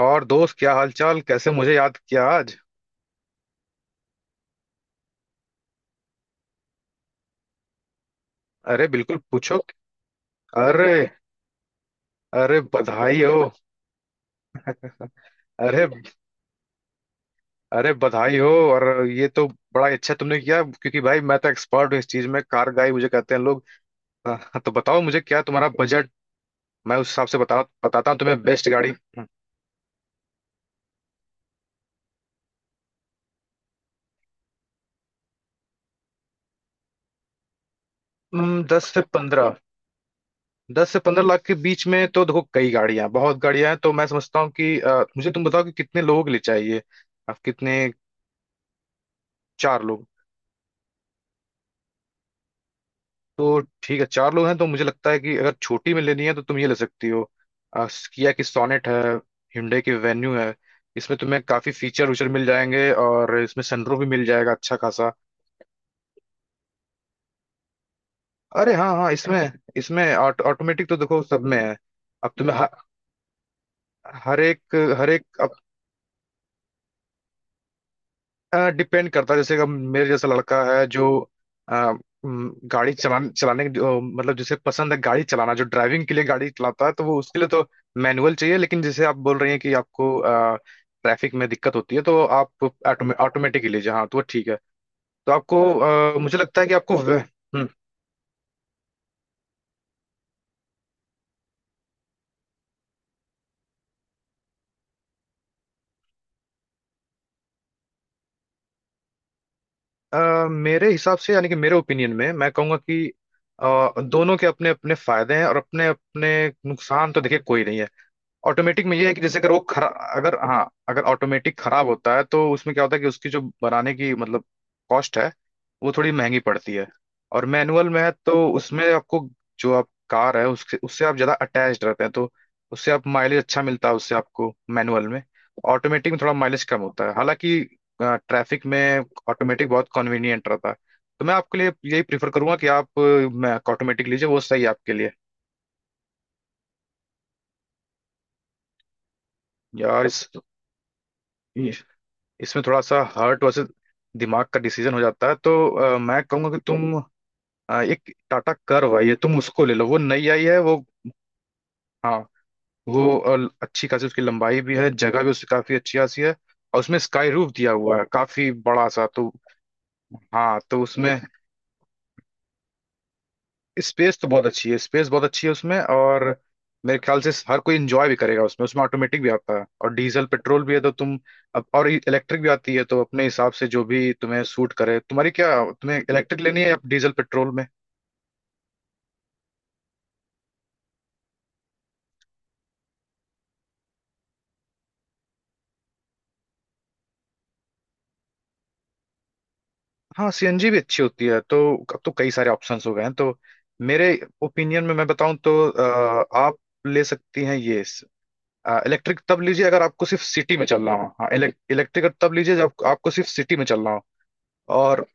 और दोस्त क्या हालचाल, कैसे मुझे याद किया आज? अरे बिल्कुल पूछो। अरे। अरे बधाई हो। अरे। अरे बधाई हो। और ये तो बड़ा ही अच्छा तुमने किया, क्योंकि भाई मैं तो एक्सपर्ट हूँ इस चीज में। कार गाई मुझे कहते हैं लोग। हाँ, हाँ, तो बताओ मुझे, क्या तुम्हारा बजट? मैं उस हिसाब से बताता हूँ तुम्हें बेस्ट गाड़ी। दस से पंद्रह। दस से पंद्रह लाख के बीच में तो देखो कई गाड़ियां हैं, बहुत गाड़ियां हैं। तो मैं समझता हूँ कि मुझे तुम बताओ कि कितने लोग ले चाहिए। आप कितने? चार लोग? तो ठीक है, चार लोग हैं तो मुझे लगता है कि अगर छोटी में लेनी है तो तुम ये ले सकती हो। आ, किया की सोनेट है। hyundai की वेन्यू है। इसमें तुम्हें काफी फीचर उचर मिल जाएंगे, और इसमें सनरूफ भी मिल जाएगा अच्छा खासा। अरे हाँ हाँ, इसमें। इसमें ऑटोमेटिक तो देखो सब में है। अब तुम्हें हर एक। हर एक डिपेंड करता है, जैसे कि अब मेरे जैसा लड़का है जो अ, गाड़ी चलाने चलाने की जो- मतलब जिसे पसंद है गाड़ी चलाना, जो ड्राइविंग के लिए गाड़ी चलाता है, तो वो उसके लिए तो मैनुअल चाहिए। लेकिन जैसे आप बोल रही हैं कि आपको ट्रैफिक में दिक्कत होती है, तो आप ऑटोमेटिक ले लीजिए, हाँ, तो वो ठीक है। तो आपको मुझे लगता है कि हम्म, मेरे हिसाब से, यानी कि मेरे ओपिनियन में, मैं कहूँगा कि अ, दोनों के अपने अपने फायदे हैं और अपने अपने नुकसान। तो देखिए, कोई नहीं है। ऑटोमेटिक में ये है कि जैसे अगर वो खरा, अगर हाँ, अगर ऑटोमेटिक खराब होता है तो उसमें क्या होता है कि उसकी जो बनाने की, मतलब कॉस्ट है, वो थोड़ी महंगी पड़ती है। और मैनुअल में है तो उसमें आपको जो आप कार है उसके, उससे आप ज़्यादा अटैच रहते हैं, तो उससे आप माइलेज अच्छा मिलता है, उससे आपको मैनुअल में। ऑटोमेटिक में थोड़ा माइलेज कम होता है, हालांकि ट्रैफिक में ऑटोमेटिक बहुत कन्वीनियंट रहता है। तो मैं आपके लिए यही प्रीफर करूंगा कि आप ऑटोमेटिक लीजिए, वो सही है आपके लिए। यार इस इसमें थोड़ा सा हार्ट वर्सेस दिमाग का डिसीजन हो जाता है। तो मैं कहूंगा कि तुम एक टाटा कर्व है, ये तुम उसको ले लो, वो नई आई है वो। हाँ। वो अच्छी खासी उसकी लंबाई भी है, जगह भी उसकी काफी अच्छी खासी है। और उसमें स्काई रूफ दिया हुआ है काफी बड़ा सा, तो हाँ, तो उसमें स्पेस तो बहुत अच्छी है, स्पेस बहुत अच्छी है उसमें। और मेरे ख्याल से हर कोई एंजॉय भी करेगा उसमें। उसमें ऑटोमेटिक भी आता है और डीजल पेट्रोल भी है, तो तुम अब और इलेक्ट्रिक भी आती है, तो अपने हिसाब से जो भी तुम्हें सूट करे। तुम्हारी क्या, तुम्हें इलेक्ट्रिक लेनी है या डीजल पेट्रोल में? हाँ, सीएनजी भी अच्छी होती है। तो अब तो कई सारे ऑप्शंस हो गए हैं, तो मेरे ओपिनियन में मैं बताऊं तो आप ले सकती हैं ये। इलेक्ट्रिक तब लीजिए अगर आपको सिर्फ सिटी में चलना हो, हाँ। इलेक्ट्रिक तब लीजिए जब आपको सिर्फ सिटी में चलना हो। और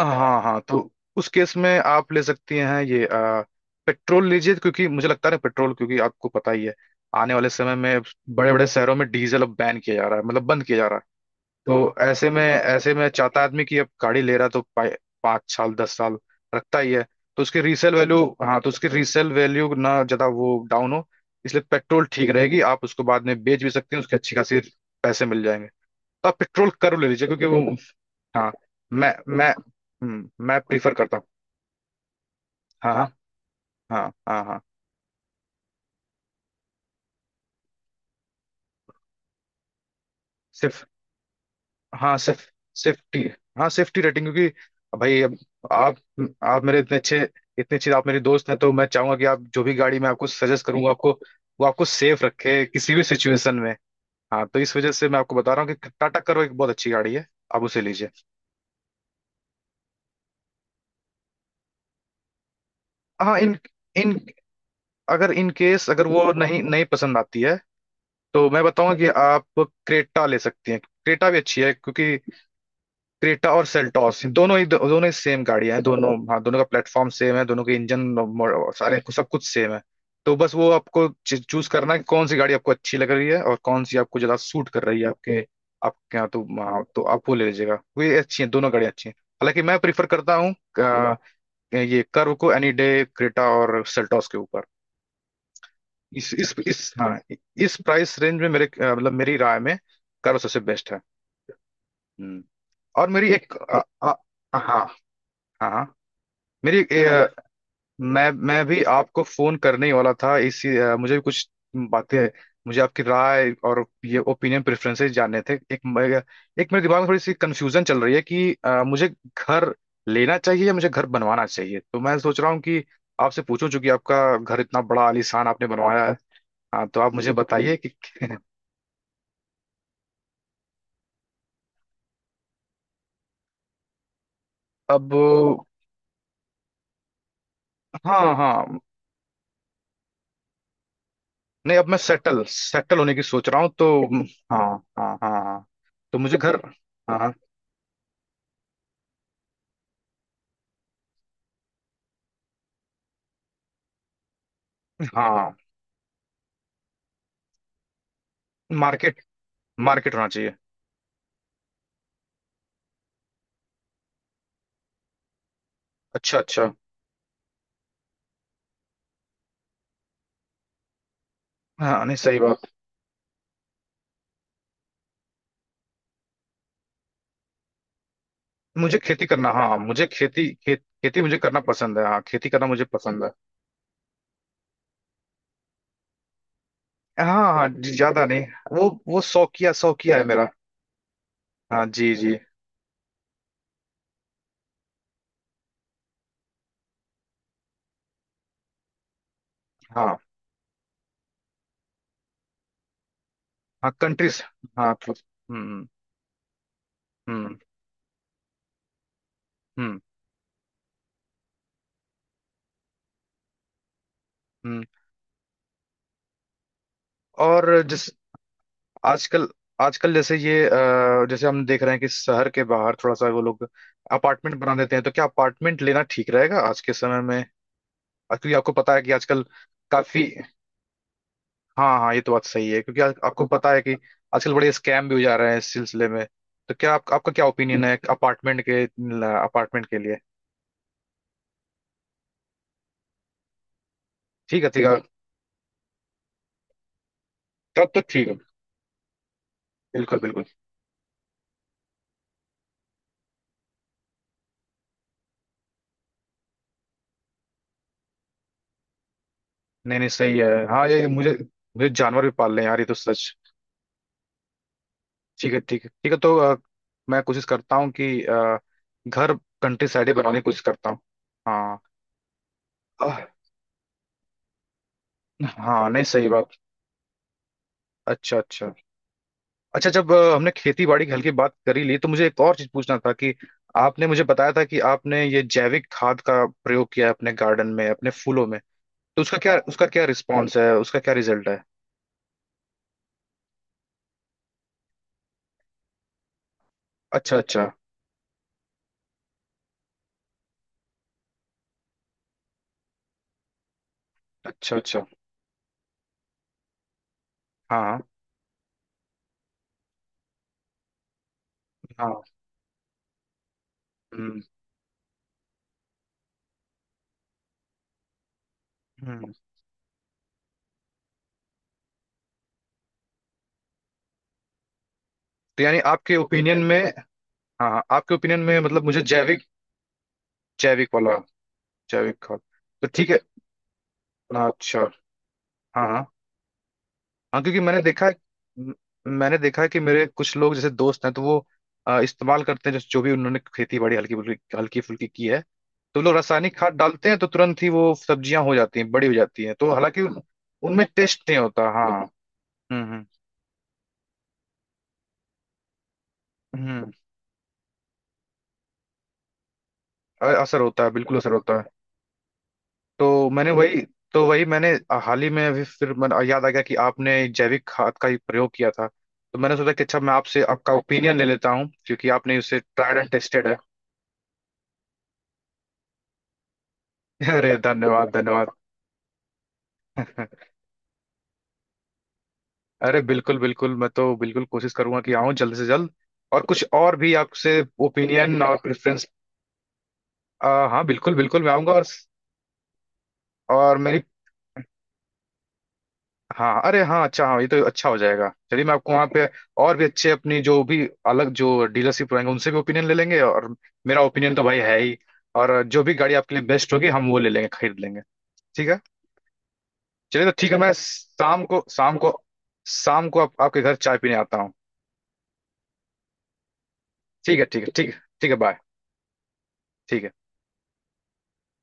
हाँ हाँ, तो उस केस में आप ले सकती हैं ये पेट्रोल लीजिए, क्योंकि मुझे लगता है ना पेट्रोल, क्योंकि आपको पता ही है आने वाले समय में बड़े बड़े शहरों में डीजल अब बैन किया जा रहा है, मतलब बंद किया जा रहा है। तो ऐसे में, ऐसे में चाहता आदमी कि अब गाड़ी ले रहा है तो पाँच साल दस साल रखता ही है। तो उसकी रीसेल वैल्यू, हाँ, तो उसकी रीसेल वैल्यू ना ज़्यादा वो डाउन हो, इसलिए पेट्रोल ठीक रहेगी। आप उसको बाद में बेच भी सकते हैं, उसके अच्छी खासी पैसे मिल जाएंगे। तो आप पेट्रोल कर ले लीजिए क्योंकि वो हाँ, मैं मैं प्रीफर करता हूँ। हाँ। हाँ हाँ हाँ। हाँ सिर्फ, हाँ सिर्फ सेफ्टी, हाँ सेफ्टी रेटिंग, क्योंकि भाई अब आप आप मेरे इतने अच्छे, इतने अच्छे आप मेरे दोस्त हैं, तो मैं चाहूंगा कि आप जो भी गाड़ी मैं आपको सजेस्ट करूंगा, आपको वो आपको सेफ रखे किसी भी सिचुएशन में। हाँ, तो इस वजह से मैं आपको बता रहा हूँ कि टाटा करो एक बहुत अच्छी गाड़ी है, आप उसे लीजिए। हाँ इन इन अगर इन केस अगर वो नहीं नहीं पसंद आती है, तो मैं बताऊंगा कि आप क्रेटा ले सकती हैं। क्रेटा भी अच्छी है, क्योंकि क्रेटा और सेल्टॉस दोनों ही सेम गाड़ियां हैं। दोनों, हाँ, दोनों का प्लेटफॉर्म सेम है, दोनों के इंजन सब कुछ सेम है। तो बस वो आपको चूज करना है कि कौन सी गाड़ी आपको अच्छी लग रही है और कौन सी आपको ज्यादा सूट कर रही है आपके आपके यहाँ। तो हाँ, तो आप वो ले लीजिएगा, वे अच्छी हैं, दोनों गाड़ियाँ अच्छी हैं। हालांकि मैं प्रीफर करता हूँ ये कर्व को एनी डे क्रेटा और सेल्टॉस के ऊपर। इस हाँ, इस प्राइस रेंज में मेरे मतलब मेरी राय में कर्व सबसे बेस्ट है। हम्म। और मेरी एक हाँ हाँ। हाँ। मेरी मैं भी आपको फोन करने ही वाला था इसी मुझे भी कुछ बातें, मुझे आपकी राय और ये ओपिनियन प्रेफरेंसेस जानने थे। एक मेरे दिमाग में थोड़ी सी कंफ्यूजन चल रही है कि मुझे घर लेना चाहिए या मुझे घर बनवाना चाहिए। तो मैं सोच रहा हूँ कि आपसे पूछूं, चूंकि आपका घर इतना बड़ा आलीशान आपने बनवाया है। हाँ, तो आप मुझे बताइए कि अब, हाँ हाँ, नहीं, अब मैं सेटल सेटल होने की सोच रहा हूँ तो हाँ हाँ हाँ। हाँ, तो मुझे घर, हाँ हाँ, मार्केट, मार्केट होना चाहिए। अच्छा अच्छा, हाँ नहीं सही बात। मुझे खेती करना, हाँ, मुझे खेती, खेत खेती मुझे करना पसंद है, हाँ, खेती करना मुझे पसंद है। हाँ हाँ जी, ज्यादा नहीं, वो वो शौकिया शौकिया है मेरा। हाँ जी जी। हाँ हाँ कंट्रीज। हाँ तो हम्म हम्म हम्म हम्म। और जिस आजकल, आजकल जैसे ये जैसे हम देख रहे हैं कि शहर के बाहर थोड़ा सा वो लोग अपार्टमेंट बना देते हैं। तो क्या अपार्टमेंट लेना ठीक रहेगा आज के समय में? क्योंकि आपको पता है कि आजकल काफी, हाँ हाँ ये तो बात सही है, क्योंकि आपको पता है कि आजकल बड़े स्कैम भी हो जा रहे हैं इस सिलसिले में। तो क्या आप, आपका क्या ओपिनियन है अपार्टमेंट के लिए? ठीक है ठीक है, तब तो ठीक है। बिल्कुल बिल्कुल, नहीं नहीं सही है, हाँ ये मुझे, मुझे जानवर भी पालने हैं यार, ये तो सच। ठीक है ठीक है ठीक है, तो मैं कोशिश करता हूँ कि घर कंट्री साइड ही बनाने की कोशिश करता हूँ। हाँ, अ, हाँ नहीं सही बात, अच्छा अच्छा। अच्छा जब हमने खेती बाड़ी के हल की बात करी ली, तो मुझे एक और चीज पूछना था कि आपने मुझे बताया था कि आपने ये जैविक खाद का प्रयोग किया है अपने गार्डन में, अपने फूलों में। तो उसका क्या, उसका क्या रिस्पॉन्स है, उसका क्या रिजल्ट है? अच्छा अच्छा, अच्छा अच्छा, हाँ हाँ, हम्म हम्म। तो यानी आपके ओपिनियन में, हाँ हाँ, आपके ओपिनियन में मतलब मुझे जैविक, जैविक वाला, जैविक खाद, तो ठीक है। हाँ, अच्छा, हाँ हाँ हाँ। क्योंकि मैंने देखा है, म- मैंने देखा है कि मेरे कुछ लोग जैसे दोस्त हैं, तो वो इस्तेमाल करते हैं जो, जो भी उन्होंने खेती बाड़ी हल्की फुल्की की है। तो लोग रासायनिक खाद डालते हैं, तो तुरंत ही वो सब्जियां हो जाती हैं, बड़ी हो जाती हैं, तो हालांकि उनमें टेस्ट नहीं होता, हाँ। हम्म हम्म हम्म। असर होता है, बिल्कुल असर होता है। तो मैंने वही, तो वही मैंने हाल ही में अभी फिर याद आ गया कि आपने जैविक खाद का ही प्रयोग किया था। तो मैंने सोचा कि अच्छा, मैं आपसे आपका ओपिनियन ले लेता हूँ क्योंकि आपने उसे ट्राइड एंड टेस्टेड है। अरे धन्यवाद धन्यवाद। अरे बिल्कुल बिल्कुल, मैं तो बिल्कुल कोशिश करूंगा कि आऊं जल्द से जल्द। और कुछ और भी आपसे ओपिनियन और प्रेफरेंस। हाँ बिल्कुल बिल्कुल, मैं आऊंगा। और मेरी, हाँ अरे हाँ अच्छा हाँ, ये तो अच्छा हो जाएगा। चलिए, मैं आपको वहाँ पे और भी अच्छे अपनी जो भी अलग जो डीलरशिप रहेंगे उनसे भी ओपिनियन ले लेंगे, और मेरा ओपिनियन तो भाई है ही, और जो भी गाड़ी आपके लिए बेस्ट होगी हम वो ले लेंगे, खरीद लेंगे। ठीक है। चलिए तो ठीक है, मैं शाम को, शाम को, शाम को आप, आपके घर चाय पीने आता हूँ। ठीक है ठीक है ठीक है ठीक है, बाय। ठीक है।